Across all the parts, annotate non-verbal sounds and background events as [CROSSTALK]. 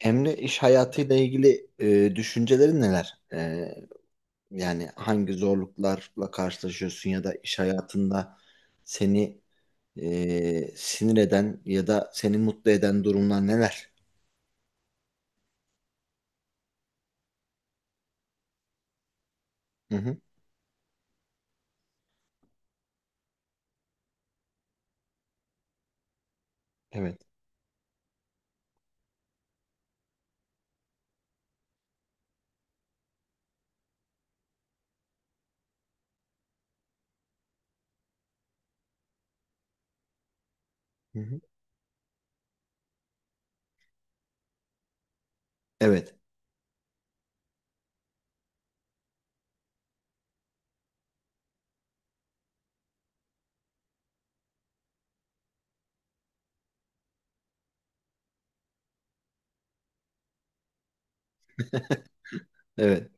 Emre, iş hayatıyla ilgili düşüncelerin neler? Yani hangi zorluklarla karşılaşıyorsun ya da iş hayatında seni sinir eden ya da seni mutlu eden durumlar neler? Hı hı. Evet. Hı hı. Evet. Evet.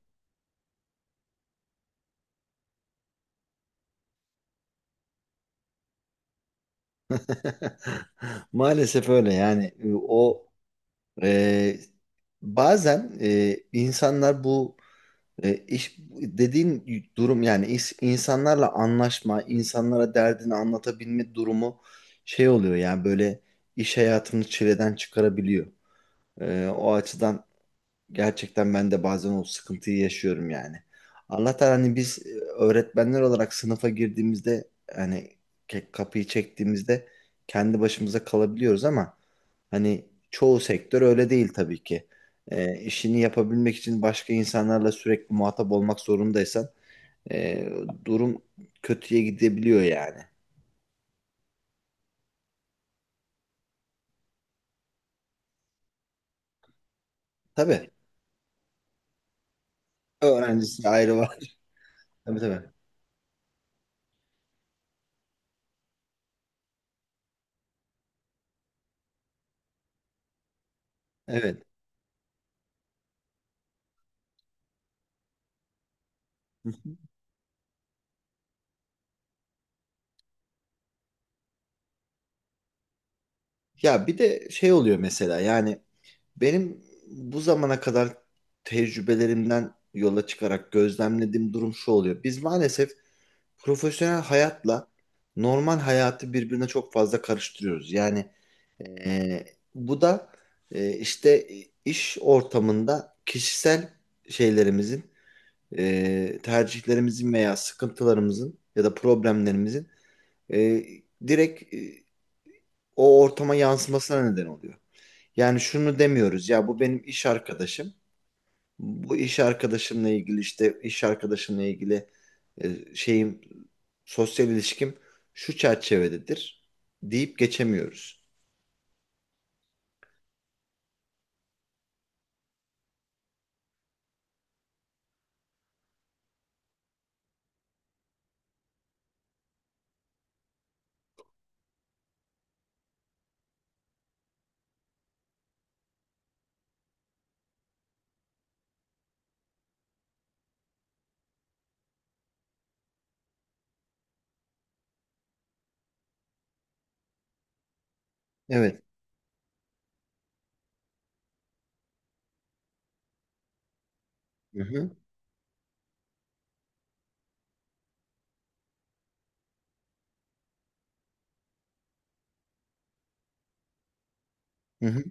[LAUGHS] Maalesef öyle yani. E, Bazen insanlar bu... iş dediğin durum, yani insanlarla anlaşma, insanlara derdini anlatabilme durumu şey oluyor yani, böyle iş hayatını çileden çıkarabiliyor. O açıdan gerçekten ben de bazen o sıkıntıyı yaşıyorum yani. Allah'tan hani biz öğretmenler olarak sınıfa girdiğimizde, hani, kapıyı çektiğimizde kendi başımıza kalabiliyoruz ama hani çoğu sektör öyle değil tabii ki. İşini yapabilmek için başka insanlarla sürekli muhatap olmak zorundaysan e, durum kötüye gidebiliyor yani. Tabii. Öğrencisi ayrı var. [LAUGHS] Tabii, tabii. Evet. [LAUGHS] Ya bir de şey oluyor mesela. Yani benim bu zamana kadar tecrübelerimden yola çıkarak gözlemlediğim durum şu oluyor: biz maalesef profesyonel hayatla normal hayatı birbirine çok fazla karıştırıyoruz. Yani e, bu da işte iş ortamında kişisel şeylerimizin, tercihlerimizin veya sıkıntılarımızın ya da problemlerimizin e, direkt o ortama yansımasına neden oluyor. Yani şunu demiyoruz ya: bu benim iş arkadaşım. Bu iş arkadaşımla ilgili, işte iş arkadaşımla ilgili şeyim, sosyal ilişkim şu çerçevededir deyip geçemiyoruz. Evet. Hı hı. Hı hı.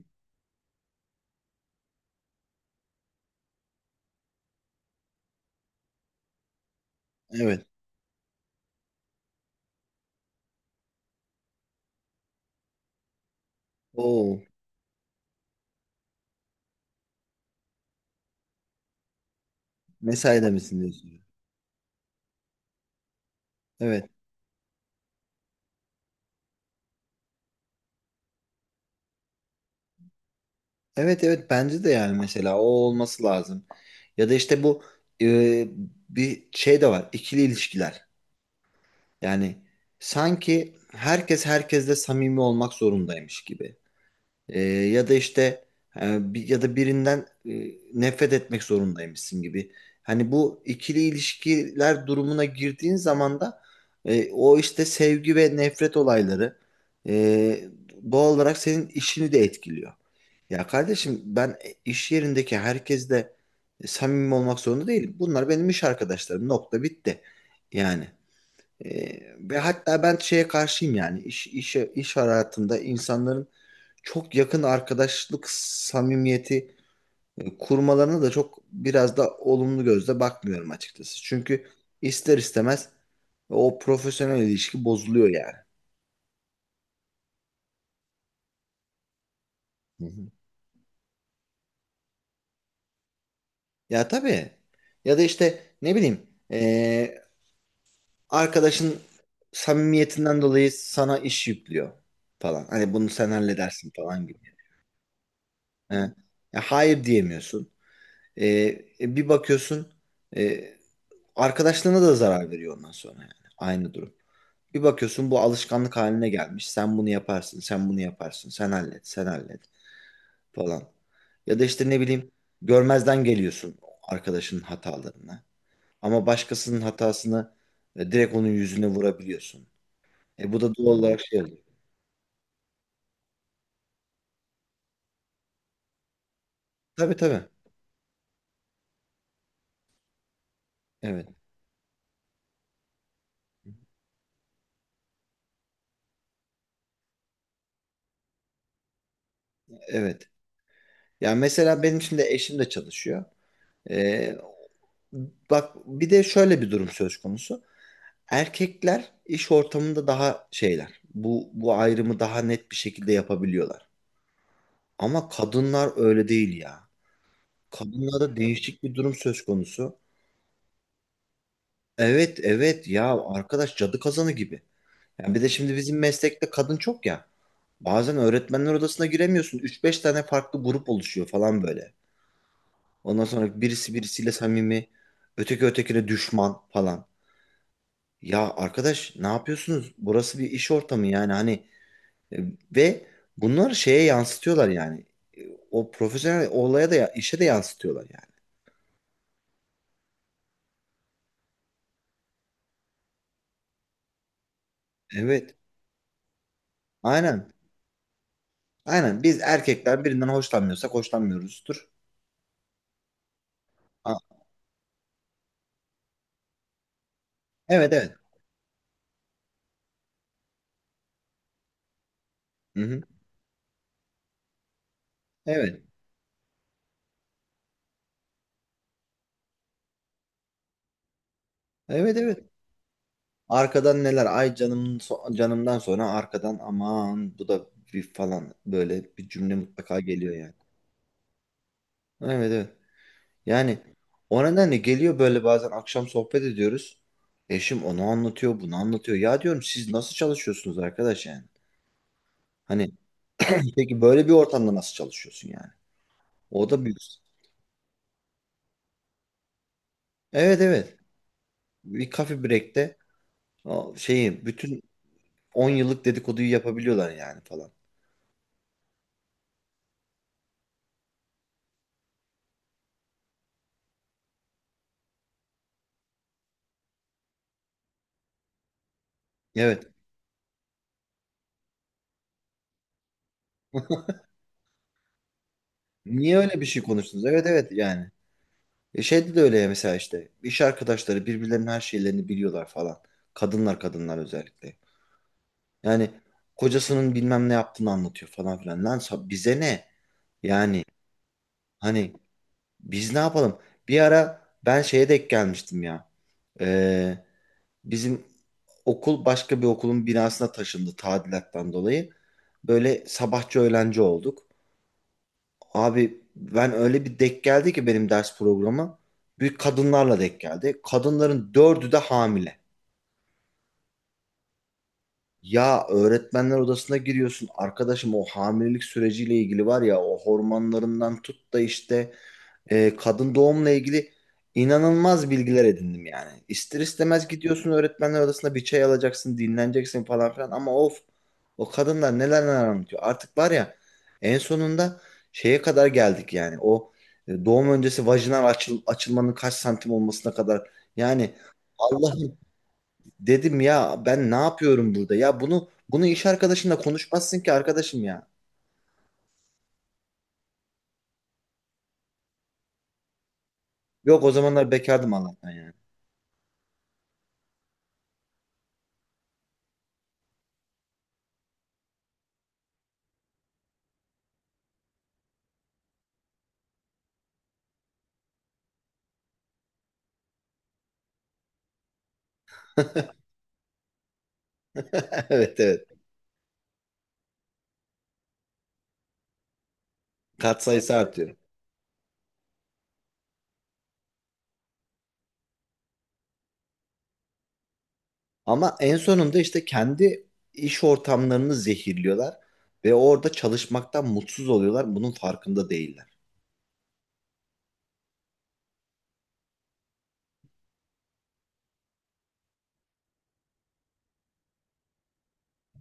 Evet. Oo, mesaide misin diyorsun. Evet. Evet, evet, bence de yani mesela o olması lazım. Ya da işte bu, e, bir şey de var: İkili ilişkiler. Yani sanki herkes herkesle samimi olmak zorundaymış gibi. Ya da işte ya da birinden nefret etmek zorundaymışsın gibi. Hani bu ikili ilişkiler durumuna girdiğin zaman da o işte sevgi ve nefret olayları e, doğal olarak senin işini de etkiliyor. Ya kardeşim, ben iş yerindeki herkesle samimi olmak zorunda değilim. Bunlar benim iş arkadaşlarım. Nokta, bitti. Yani. Ve hatta ben şeye karşıyım, yani iş hayatında insanların çok yakın arkadaşlık samimiyeti kurmalarına da çok, biraz da olumlu gözle bakmıyorum açıkçası. Çünkü ister istemez o profesyonel ilişki bozuluyor yani. Hı hı. Ya tabii. Ya da işte ne bileyim, arkadaşın samimiyetinden dolayı sana iş yüklüyor falan. Hani bunu sen halledersin falan gibi. He. Ya hayır diyemiyorsun. E, Bir bakıyorsun e, arkadaşlığına da zarar veriyor ondan sonra yani. Aynı durum. Bir bakıyorsun bu alışkanlık haline gelmiş: sen bunu yaparsın, sen bunu yaparsın, sen hallet, sen hallet falan. Ya da işte ne bileyim, görmezden geliyorsun arkadaşının hatalarına. Ama başkasının hatasını direkt onun yüzüne vurabiliyorsun. E, bu da doğal olarak şey oluyor. Tabii, tabii. Evet. Evet. Yani mesela benim şimdi eşim de çalışıyor. E, Bak, bir de şöyle bir durum söz konusu. Erkekler iş ortamında daha şeyler. Bu ayrımı daha net bir şekilde yapabiliyorlar. Ama kadınlar öyle değil ya. Kadınlarda değişik bir durum söz konusu. Evet, evet, ya arkadaş cadı kazanı gibi. Yani bir de şimdi bizim meslekte kadın çok ya. Bazen öğretmenler odasına giremiyorsun. Üç beş tane farklı grup oluşuyor falan böyle. Ondan sonra birisi birisiyle samimi, öteki ötekine düşman falan. Ya arkadaş, ne yapıyorsunuz? Burası bir iş ortamı yani, hani... E, Ve bunlar şeye yansıtıyorlar yani. E, O profesyonel olaya da, işe de yansıtıyorlar yani. Evet. Aynen. Aynen. Biz erkekler birinden hoşlanmıyorsak hoşlanmıyoruzdur. A- evet, evet. Hı-hı. Evet. Evet, evet. Arkadan neler? Ay canım, canımdan sonra arkadan aman bu da bir falan, böyle bir cümle mutlaka geliyor yani. Evet, evet. Yani o nedenle geliyor böyle. Bazen akşam sohbet ediyoruz. Eşim onu anlatıyor, bunu anlatıyor. Ya diyorum, siz nasıl çalışıyorsunuz arkadaş yani? Hani [CLEARS THROAT] peki böyle bir ortamda nasıl çalışıyorsun yani? O da büyük. Evet, evet. Bir kafe break'te o şeyi, bütün 10 yıllık dedikoduyu yapabiliyorlar yani falan. Evet. [LAUGHS] Niye öyle bir şey konuştunuz? Evet, evet yani. E, şeyde de öyle ya, mesela işte iş arkadaşları birbirlerinin her şeylerini biliyorlar falan. Kadınlar özellikle. Yani kocasının bilmem ne yaptığını anlatıyor falan filan. Lan, bize ne? Yani hani biz ne yapalım? Bir ara ben şeye denk gelmiştim ya. Ee, Bizim okul başka bir okulun binasına taşındı, tadilattan dolayı. Böyle sabahçı öğlenci olduk. Abi, ben öyle bir denk geldi ki benim ders programı. Büyük kadınlarla denk geldi. Kadınların dördü de hamile. Ya öğretmenler odasına giriyorsun arkadaşım, o hamilelik süreciyle ilgili, var ya, o hormonlarından tut da işte kadın doğumla ilgili inanılmaz bilgiler edindim yani. İster istemez gidiyorsun öğretmenler odasına, bir çay alacaksın, dinleneceksin falan filan, ama of, o kadınlar neler neler anlatıyor. Artık var ya, en sonunda şeye kadar geldik yani, o doğum öncesi vajinal açılmanın kaç santim olmasına kadar yani. Allah. Dedim ya, ben ne yapıyorum burada? Ya bunu, bunu iş arkadaşınla konuşmazsın ki arkadaşım ya. Yok, o zamanlar bekardım Allah'tan yani. [LAUGHS] Evet, evet. Kat sayısı artıyor. Ama en sonunda işte kendi iş ortamlarını zehirliyorlar ve orada çalışmaktan mutsuz oluyorlar. Bunun farkında değiller.